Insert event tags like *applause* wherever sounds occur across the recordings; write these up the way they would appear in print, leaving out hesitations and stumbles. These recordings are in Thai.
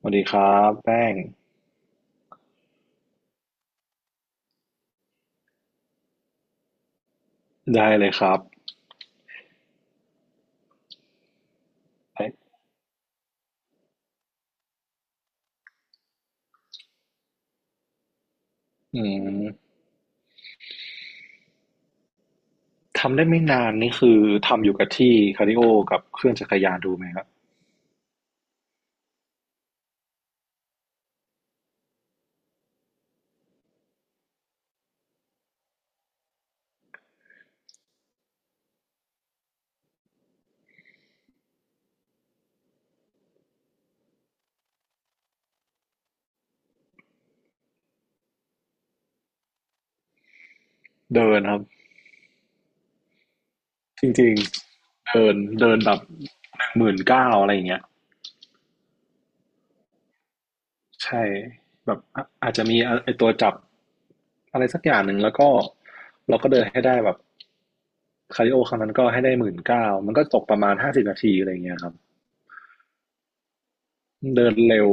สวัสดีครับแป้งได้เลยครับไอ้อืมทำได้ไม่นานนี่คือทำอยู่กับที่คาร์ดิโอกับเครื่องจักรยานดูไหมครับเดินครับจริงๆเดินเดินแบบ19,000อะไรอย่างเงี้ยใช่แบบอาจจะมีไอตัวจับอะไรสักอย่างหนึ่งแล้วก็เราก็เดินให้ได้แบบคาร์ดิโอครั้งนั้นก็ให้ได้หมื่นเก้ามันก็ตกประมาณ50 นาทีอะไรอย่างเงี้ยครับเดินเร็ว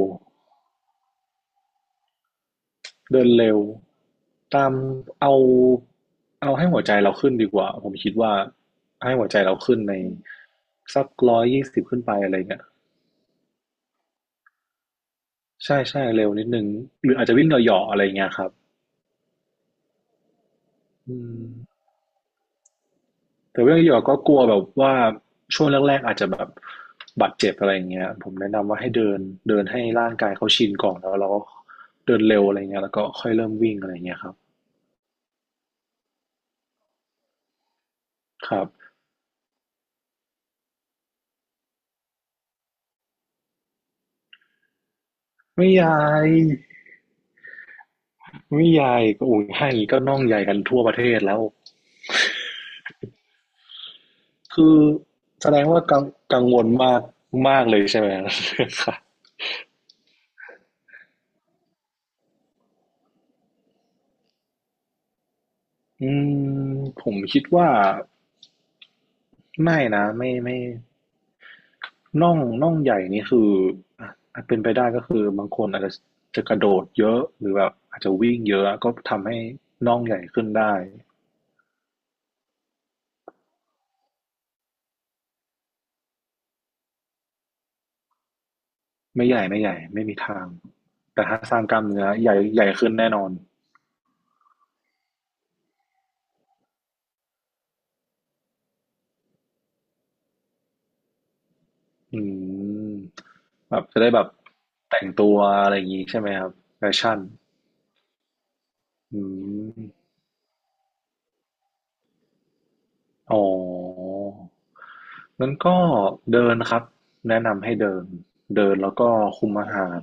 เดินเร็วตามเอาเอาให้หัวใจเราขึ้นดีกว่าผมคิดว่าให้หัวใจเราขึ้นในสัก120ขึ้นไปอะไรเงี้ยใช่ใช่เร็วนิดนึงหรืออาจจะวิ่งเหยาะๆอะไรเงี้ยครับอืมแต่วิ่งเหยาะๆก็กลัวแบบว่าช่วงแรกๆอาจจะแบบบาดเจ็บอะไรเงี้ยผมแนะนำว่าให้เดินเดินให้ร่างกายเขาชินก่อนแล้วเราก็เดินเร็วอะไรเงี้ยแล้วก็ค่อยเริ่มวิ่งอะไรเงี้ยครับครับไม่ยาย วิยายก็อุ่นให้ก็น่องใหญ่กันทั่วประเทศแล้วคือแสดงว่ากังวลมากมากเลยใช่ไหม *laughs* ค่ะ *laughs* อืมผมคิดว่าไม่นะไม่ไม่น่องใหญ่นี่คืออ่ะอาจเป็นไปได้ก็คือบางคนอาจจะจะกระโดดเยอะหรือแบบอาจจะวิ่งเยอะก็ทำให้น่องใหญ่ขึ้นได้ไม่ใหญ่ไม่ใหญ่ไม่มีทางแต่ถ้าสร้างกล้ามเนื้อใหญ่ใหญ่ขึ้นแน่นอน อืมแบบจะได้แบบแต่งตัวอะไรอย่างงี้ใช่ไหมครับแฟชั่นอืมอ๋องั้นก็เดินครับแนะนำให้เดินเดินแล้วก็คุมอาหาร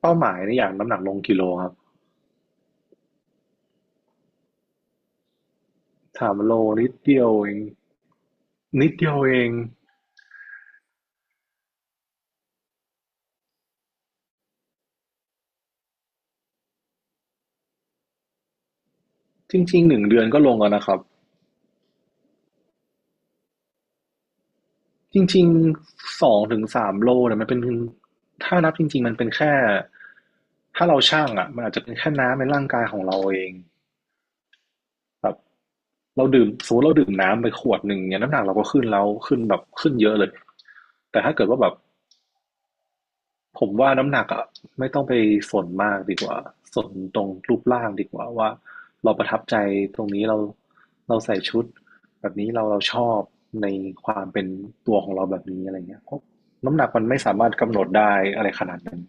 เป้าหมายในอย่างน้ำหนักลงกิโลครับสามโลนิดเดียวเองนิดเดียวเองจริงๆ1 เดือนก็ลงแล้วนะครับจริงๆ2-3 โลเนี่ยมันเป็นถ้านับจริงๆมันเป็นแค่ถ้าเราช่างมันอาจจะเป็นแค่น้ำในร่างกายของเราเอง แบบเราดื่มสมมติเราดื่มน้ำไปขวดหนึ่งเนี่ยน้ำหนักเราก็ขึ้นแล้วขึ้นแบบขึ้นเยอะเลยแต่ถ้าเกิดว่าแบบผมว่าน้ำหนักไม่ต้องไปสนมากดีกว่าสนตรงรูปร่างดีกว่าว่าเราประทับใจตรงนี้เราเราใส่ชุดแบบนี้เราเราชอบในความเป็นตัวของเราแบบนี้อะไรเงี้ยเพราะน้ำหนักมันไม่สามารถกำหนดได้อะไรขนาดนั้น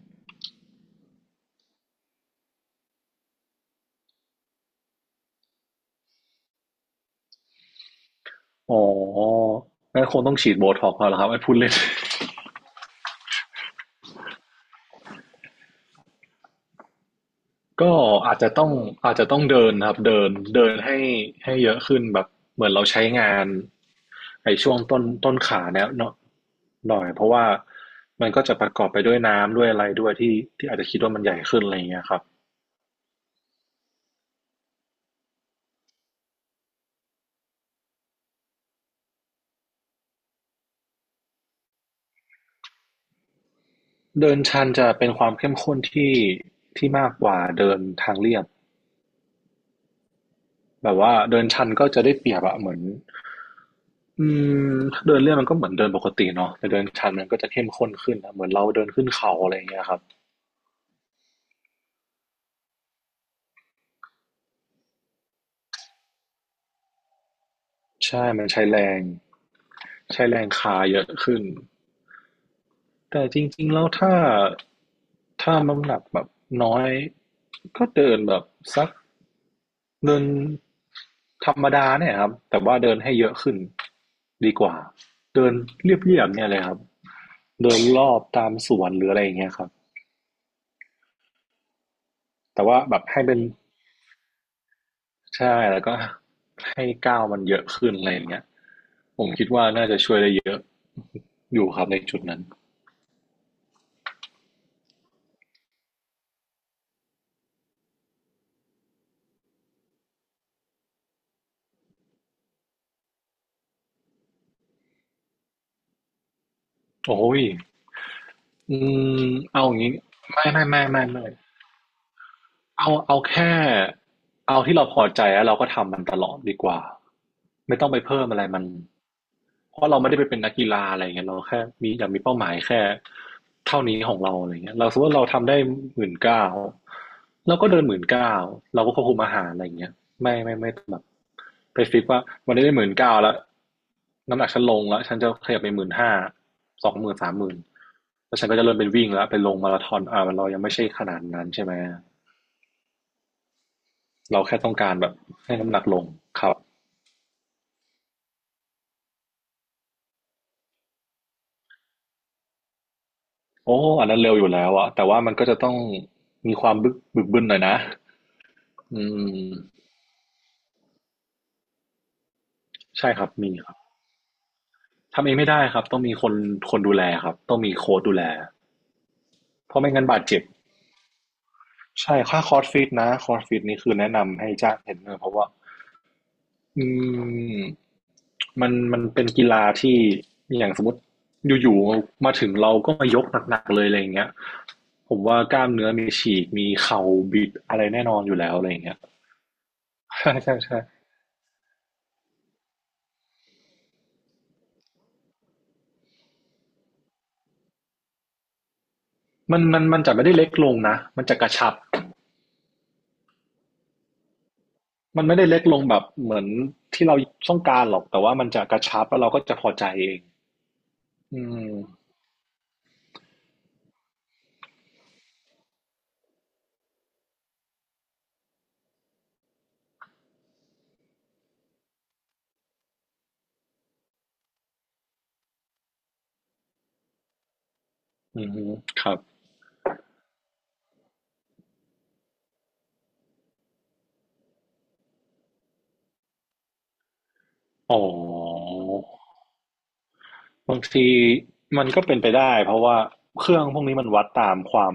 อ๋องั้นคงต้องฉีดโบท็อกซ์แล้วครับพูดเล่น *laughs* ก็อาจจะต้องอาจจะต้องเดินครับเดินเดินให้ให้เยอะขึ้นแบบเหมือนเราใช้งานช่วงต้นขาเนี่ยเนาะหน่อยเพราะว่ามันก็จะประกอบไปด้วยน้ำด้วยอะไรด้วยที่ที่อาจจะคิดว่ามันใหญ่ขึ้นอะไรอย่างเงี้ยครับเดินชันจะเป็นความเข้มข้นที่ที่มากกว่าเดินทางเรียบแบบว่าเดินชันก็จะได้เปรียบอะเหมือนอืมเดินเรียบมันก็เหมือนเดินปกติเนาะแต่เดินชันมันก็จะเข้มข้นขึ้นนะเหมือนเราเดินขึ้นเขาอะไรอย่างเงี้ยครับ ใช่มันใช้แรงใช้แรงคาเยอะขึ้นแต่จริงๆ แล้วถ้าน้ำหนักแบบน้อยก็เดินแบบสักเดินธรรมดาเนี่ยครับแต่ว่าเดินให้เยอะขึ้นดีกว่า เดินเรียบๆเนี่ยเลยครับเดินรอบตามสวนหรืออะไรอย่างเงี้ยครับ แต่ว่าแบบให้เป็นใช่แล้วก็ให้ก้าวมันเยอะขึ้นอะไรอย่างเงี้ยผมคิดว่าน่าจะช่วยได้เยอะอยู่ครับในจุดนั้น โอ้ยอืมเอาอย่างนี้ ไม่ไม่ไม่ไม่ไม่ เอาแค่เอาที่เราพอใจแล้วเราก็ทำมันตลอดดีกว่าไม่ต้องไปเพิ่มอะไรมันเพราะเราไม่ได้ไปเป็นนักกีฬาอะไรเงี้ยเราแค่มีอยากมีเป้าหมายแค่เท่านี้ของเราอะไรเงี้ยเราสมมติว่าเราทำได้หมื่นเก้าเราก็เดินหมื่นเก้าเราก็ควบคุมอาหารอะไรเงี้ยไม่ไม่ไม่ไม่แบบไปฟิกว่าวันนี้ได้หมื่นเก้าแล้วน้ำหนักฉันลงแล้วฉันจะขยับไป15,00020,00030,000แล้วฉันก็จะเริ่มเป็นวิ่งแล้วไปลงมาราธอนอ่ามันเรายังไม่ใช่ขนาดนั้นใช่ไหม เราแค่ต้องการแบบให้น้ำหนักลงครับโอ้อันนั้นเร็วอยู่แล้วอะแต่ว่ามันก็จะต้องมีความบึนหน่อยนะอืมใช่ครับมีครับทำเองไม่ได้ครับต้องมีคนดูแลครับต้องมีโค้ชดูแลเพราะไม่งั้นบาดเจ็บใช่ค่าคอร์สฟิตนะคอร์สฟิตนี่คือแนะนำให้จ้างเทรนเนอร์เพราะว่า อืมมันเป็นกีฬาที่อย่างสมมติอยู่ๆมาถึงเราก็มายกหนักๆเลยอะไรอย่างเงี้ยผมว่ากล้ามเนื้อมีฉีกมีเข่าบิดอะไรแน่นอนอยู่แล้วอะไรอย่างเงี้ย *laughs* ใช่ใช่ใช่มันจะไม่ได้เล็กลงนะมันจะกระชับมันไม่ได้เล็กลงแบบเหมือนที่เราต้องการหรอกแต่ว่ามันจะกระชับแล้วเราก็จะพอใจเองอืมอืมครับอ๋อ บางทีมันก็เป็นไปได้เพราะว่าเครื่องพวกนี้มันวัดตามความ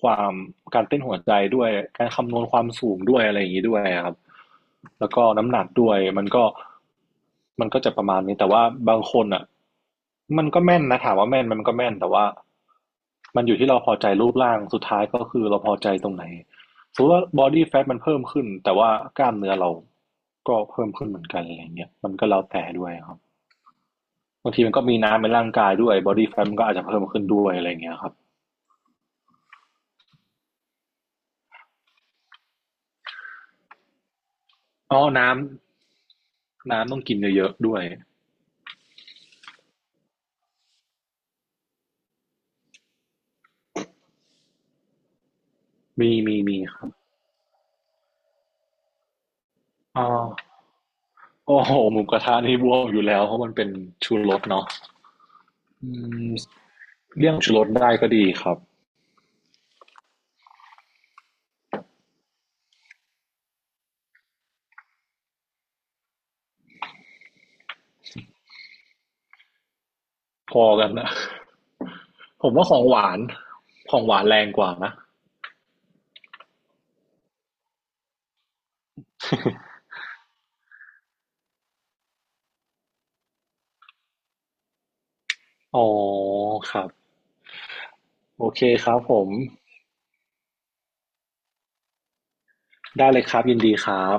ความการเต้นหัวใจด้วยการคำนวณความสูงด้วยอะไรอย่างนี้ด้วยครับแล้วก็น้ำหนักด้วยมันก็จะประมาณนี้แต่ว่าบางคนอ่ะมันก็แม่นนะถามว่าแม่นมมันก็แม่นแต่ว่ามันอยู่ที่เราพอใจรูปร่างสุดท้ายก็คือเราพอใจตรงไหนสมมติว่าบอดี้แฟทมันเพิ่มขึ้นแต่ว่ากล้ามเนื้อเราก็เพิ่มขึ้นเหมือนกันอะไรเงี้ยมันก็แล้วแต่ด้วยครับ บางทีมันก็มีน้ำในร่างกายด้วย body fat มันก็อาจจะเพิ่มขึ้นด้วยอะไรอย่างเงี้ยครับอ๋อน้ำต้องกินเยอะๆด้วย มีครับอ๋อโอ้โหหมูกระทะนี่บวมอยู่แล้วเพราะมันเป็นชูรสเนาะอืมเลี่ยงชูรสได้ก็ดีครับพอกันนะ ผมว่าของหวานแรงกว่านะอ๋อครับ โอเคครับผม ได้เลยครับยินดีครับ